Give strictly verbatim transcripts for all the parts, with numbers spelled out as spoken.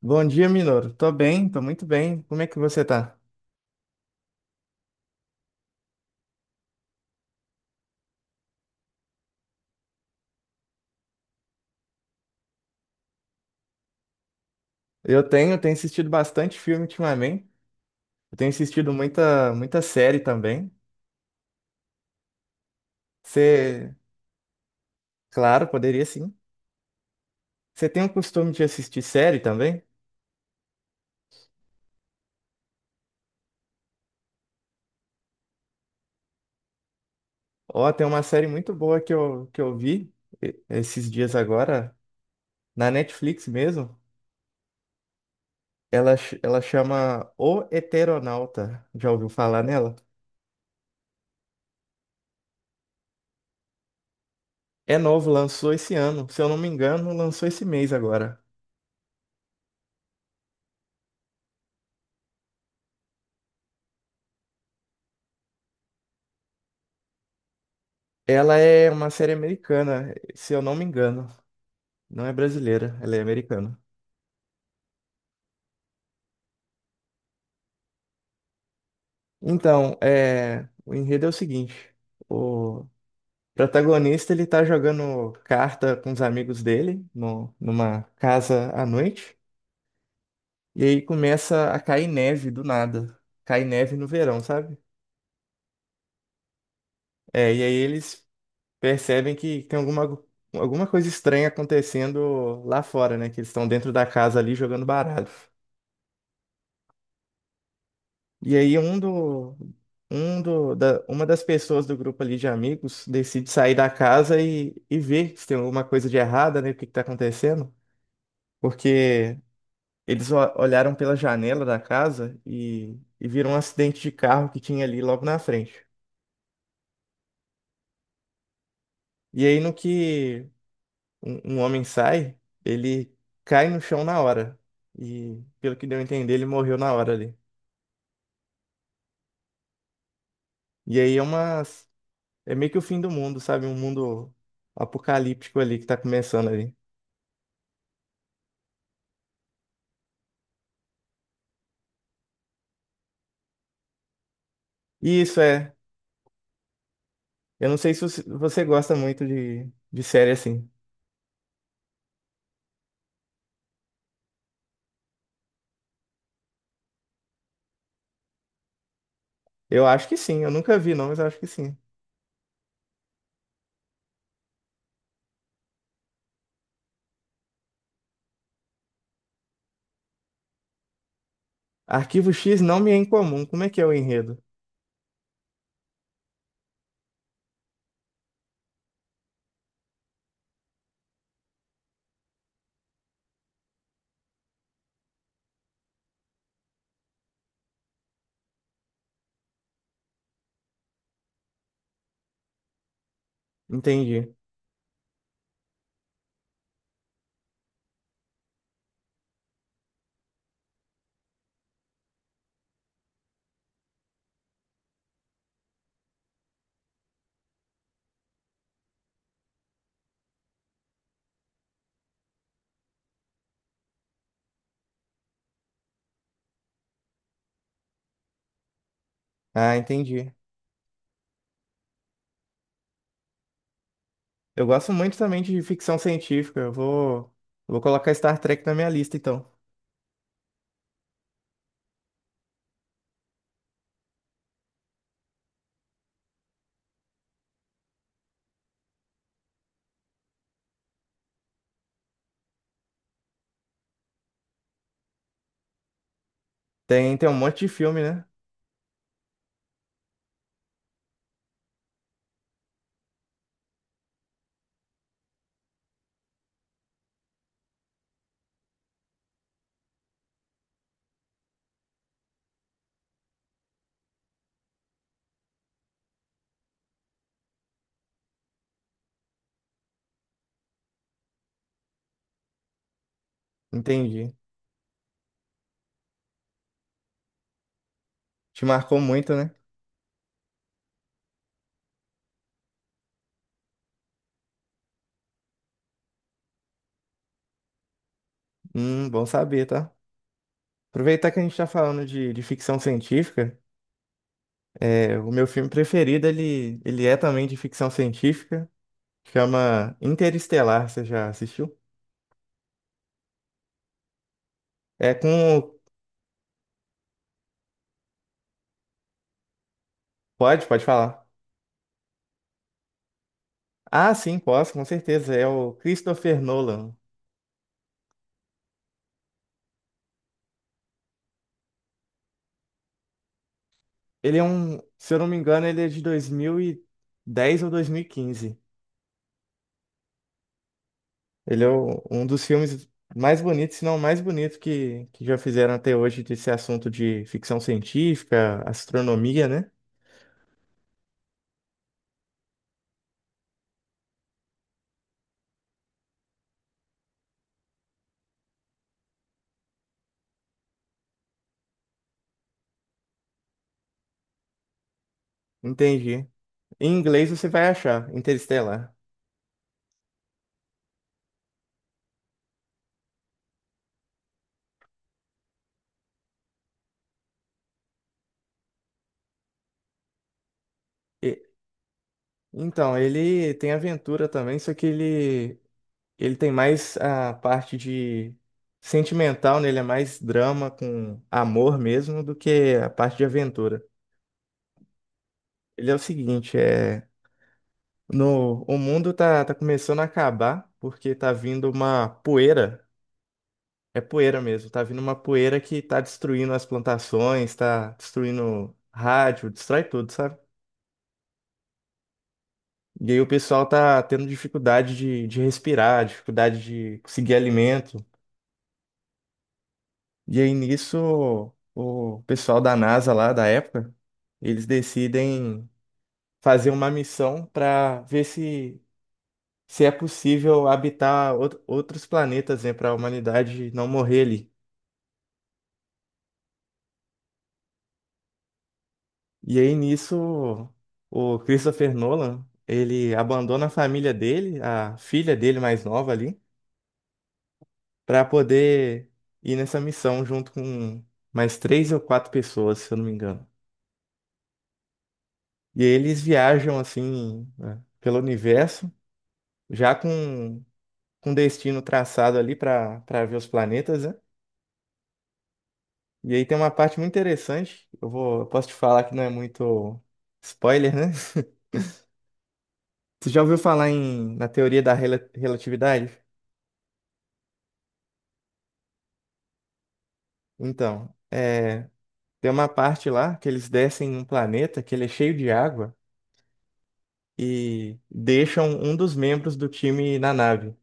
Bom dia, Minoro. Tô bem, tô muito bem. Como é que você tá? Eu tenho, tenho assistido bastante filme ultimamente. Eu tenho assistido muita, muita série também. Você, claro, poderia sim. Você tem o costume de assistir série também? Ó, tem uma série muito boa que eu, que eu vi e- esses dias agora, na Netflix mesmo. Ela, ch- ela chama O Eteronauta. Já ouviu falar nela? É novo, lançou esse ano. Se eu não me engano, lançou esse mês agora. Ela é uma série americana, se eu não me engano. Não é brasileira, ela é americana. Então, é, o enredo é o seguinte: o protagonista ele tá jogando carta com os amigos dele no- numa casa à noite, e aí começa a cair neve do nada. Cai neve no verão, sabe? É, e aí eles percebem que tem alguma, alguma coisa estranha acontecendo lá fora, né? Que eles estão dentro da casa ali jogando baralho. E aí um do, um do, da, uma das pessoas do grupo ali de amigos decide sair da casa e, e ver se tem alguma coisa de errada, né? O que que tá acontecendo? Porque eles o- olharam pela janela da casa e, e viram um acidente de carro que tinha ali logo na frente. E aí no que um, um homem sai, ele cai no chão na hora. E pelo que deu a entender, ele morreu na hora ali. E aí é uma, é meio que o fim do mundo, sabe? Um mundo apocalíptico ali que tá começando ali. Isso é. Eu não sei se você você gosta muito de, de série assim. Eu acho que sim. Eu nunca vi, não, mas eu acho que sim. Arquivo X não me é incomum. Como é que é o enredo? Entendi. Ah, entendi. Eu gosto muito também de ficção científica. Eu vou, vou colocar Star Trek na minha lista, então. Tem, tem um monte de filme, né? Entendi. Te marcou muito, né? Hum, bom saber, tá? Aproveitar que a gente tá falando de, de ficção científica, é, o meu filme preferido, ele, ele é também de ficção científica. Chama Interestelar, você já assistiu? É com. Pode, pode falar. Ah, sim, posso, com certeza. É o Christopher Nolan. Ele é um, se eu não me engano, ele é de dois mil e dez ou dois mil e quinze. Ele é o- um dos filmes mais bonitos, se não o mais bonito que, que já fizeram até hoje desse assunto de ficção científica, astronomia, né? Entendi. Em inglês você vai achar, Interestelar. E- Então, ele tem aventura também, só que ele ele tem mais a parte de sentimental, né? Ele é mais drama com amor mesmo do que a parte de aventura. Ele é o seguinte, é no o mundo tá, tá começando a acabar porque tá vindo uma poeira, é poeira mesmo, tá vindo uma poeira que tá destruindo as plantações, tá destruindo rádio, destrói tudo, sabe? E aí o pessoal tá tendo dificuldade de, de respirar, dificuldade de conseguir alimento. E aí nisso, o pessoal da NASA lá da época, eles decidem fazer uma missão para ver se, se é possível habitar out- outros planetas, né, para a humanidade não morrer ali. E aí nisso, o Christopher Nolan, ele abandona a família dele, a filha dele mais nova ali, para poder ir nessa missão junto com mais três ou quatro pessoas, se eu não me engano. E aí eles viajam assim, né, pelo universo já com, com destino traçado ali para para ver os planetas, né? E aí tem uma parte muito interessante, eu vou, eu posso te falar que não é muito spoiler, né? Você já ouviu falar em, na teoria da rela- relatividade? Então, é, tem uma parte lá que eles descem em um planeta que ele é cheio de água e deixam um dos membros do time na nave.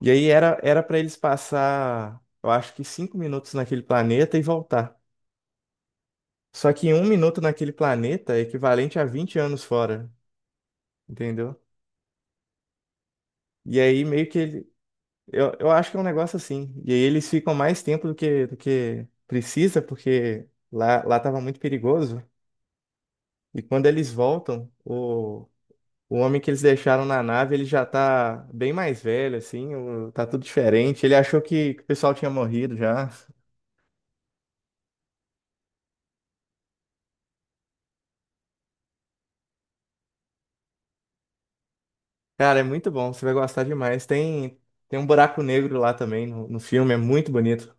E aí era era para eles passar, eu acho que cinco minutos naquele planeta e voltar. Só que um minuto naquele planeta é equivalente a vinte anos fora, entendeu? E aí meio que ele. Eu, eu acho que é um negócio assim. E aí eles ficam mais tempo do que, do que precisa, porque lá, lá tava muito perigoso. E quando eles voltam, o, o homem que eles deixaram na nave, ele já tá bem mais velho, assim, o- tá tudo diferente. Ele achou que, que o pessoal tinha morrido já. Cara, é muito bom, você vai gostar demais. Tem, tem um buraco negro lá também no, no filme, é muito bonito.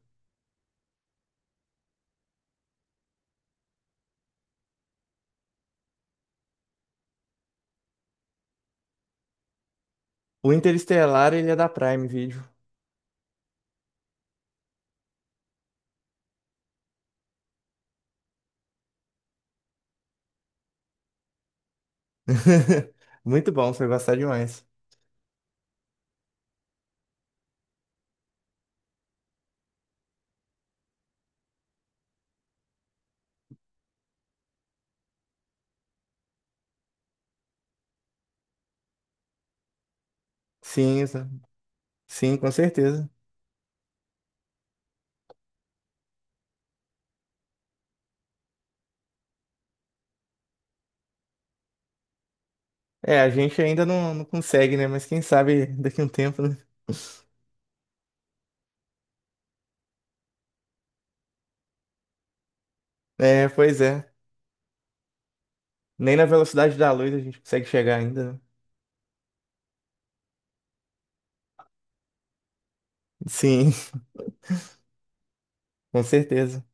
O Interestelar, ele é da Prime Video. Muito bom, você vai gostar demais. Sim, exa- sim, com certeza. É, a gente ainda não, não consegue, né? Mas quem sabe daqui a um tempo, né? É, pois é. Nem na velocidade da luz a gente consegue chegar ainda, né? Sim, com certeza.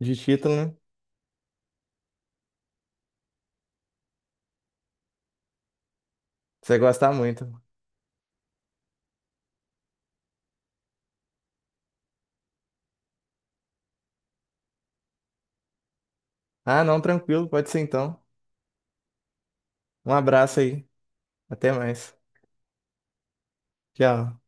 De título, né? Você vai gostar muito. Ah, não, tranquilo, pode ser então. Um abraço aí. Até mais. Tchau.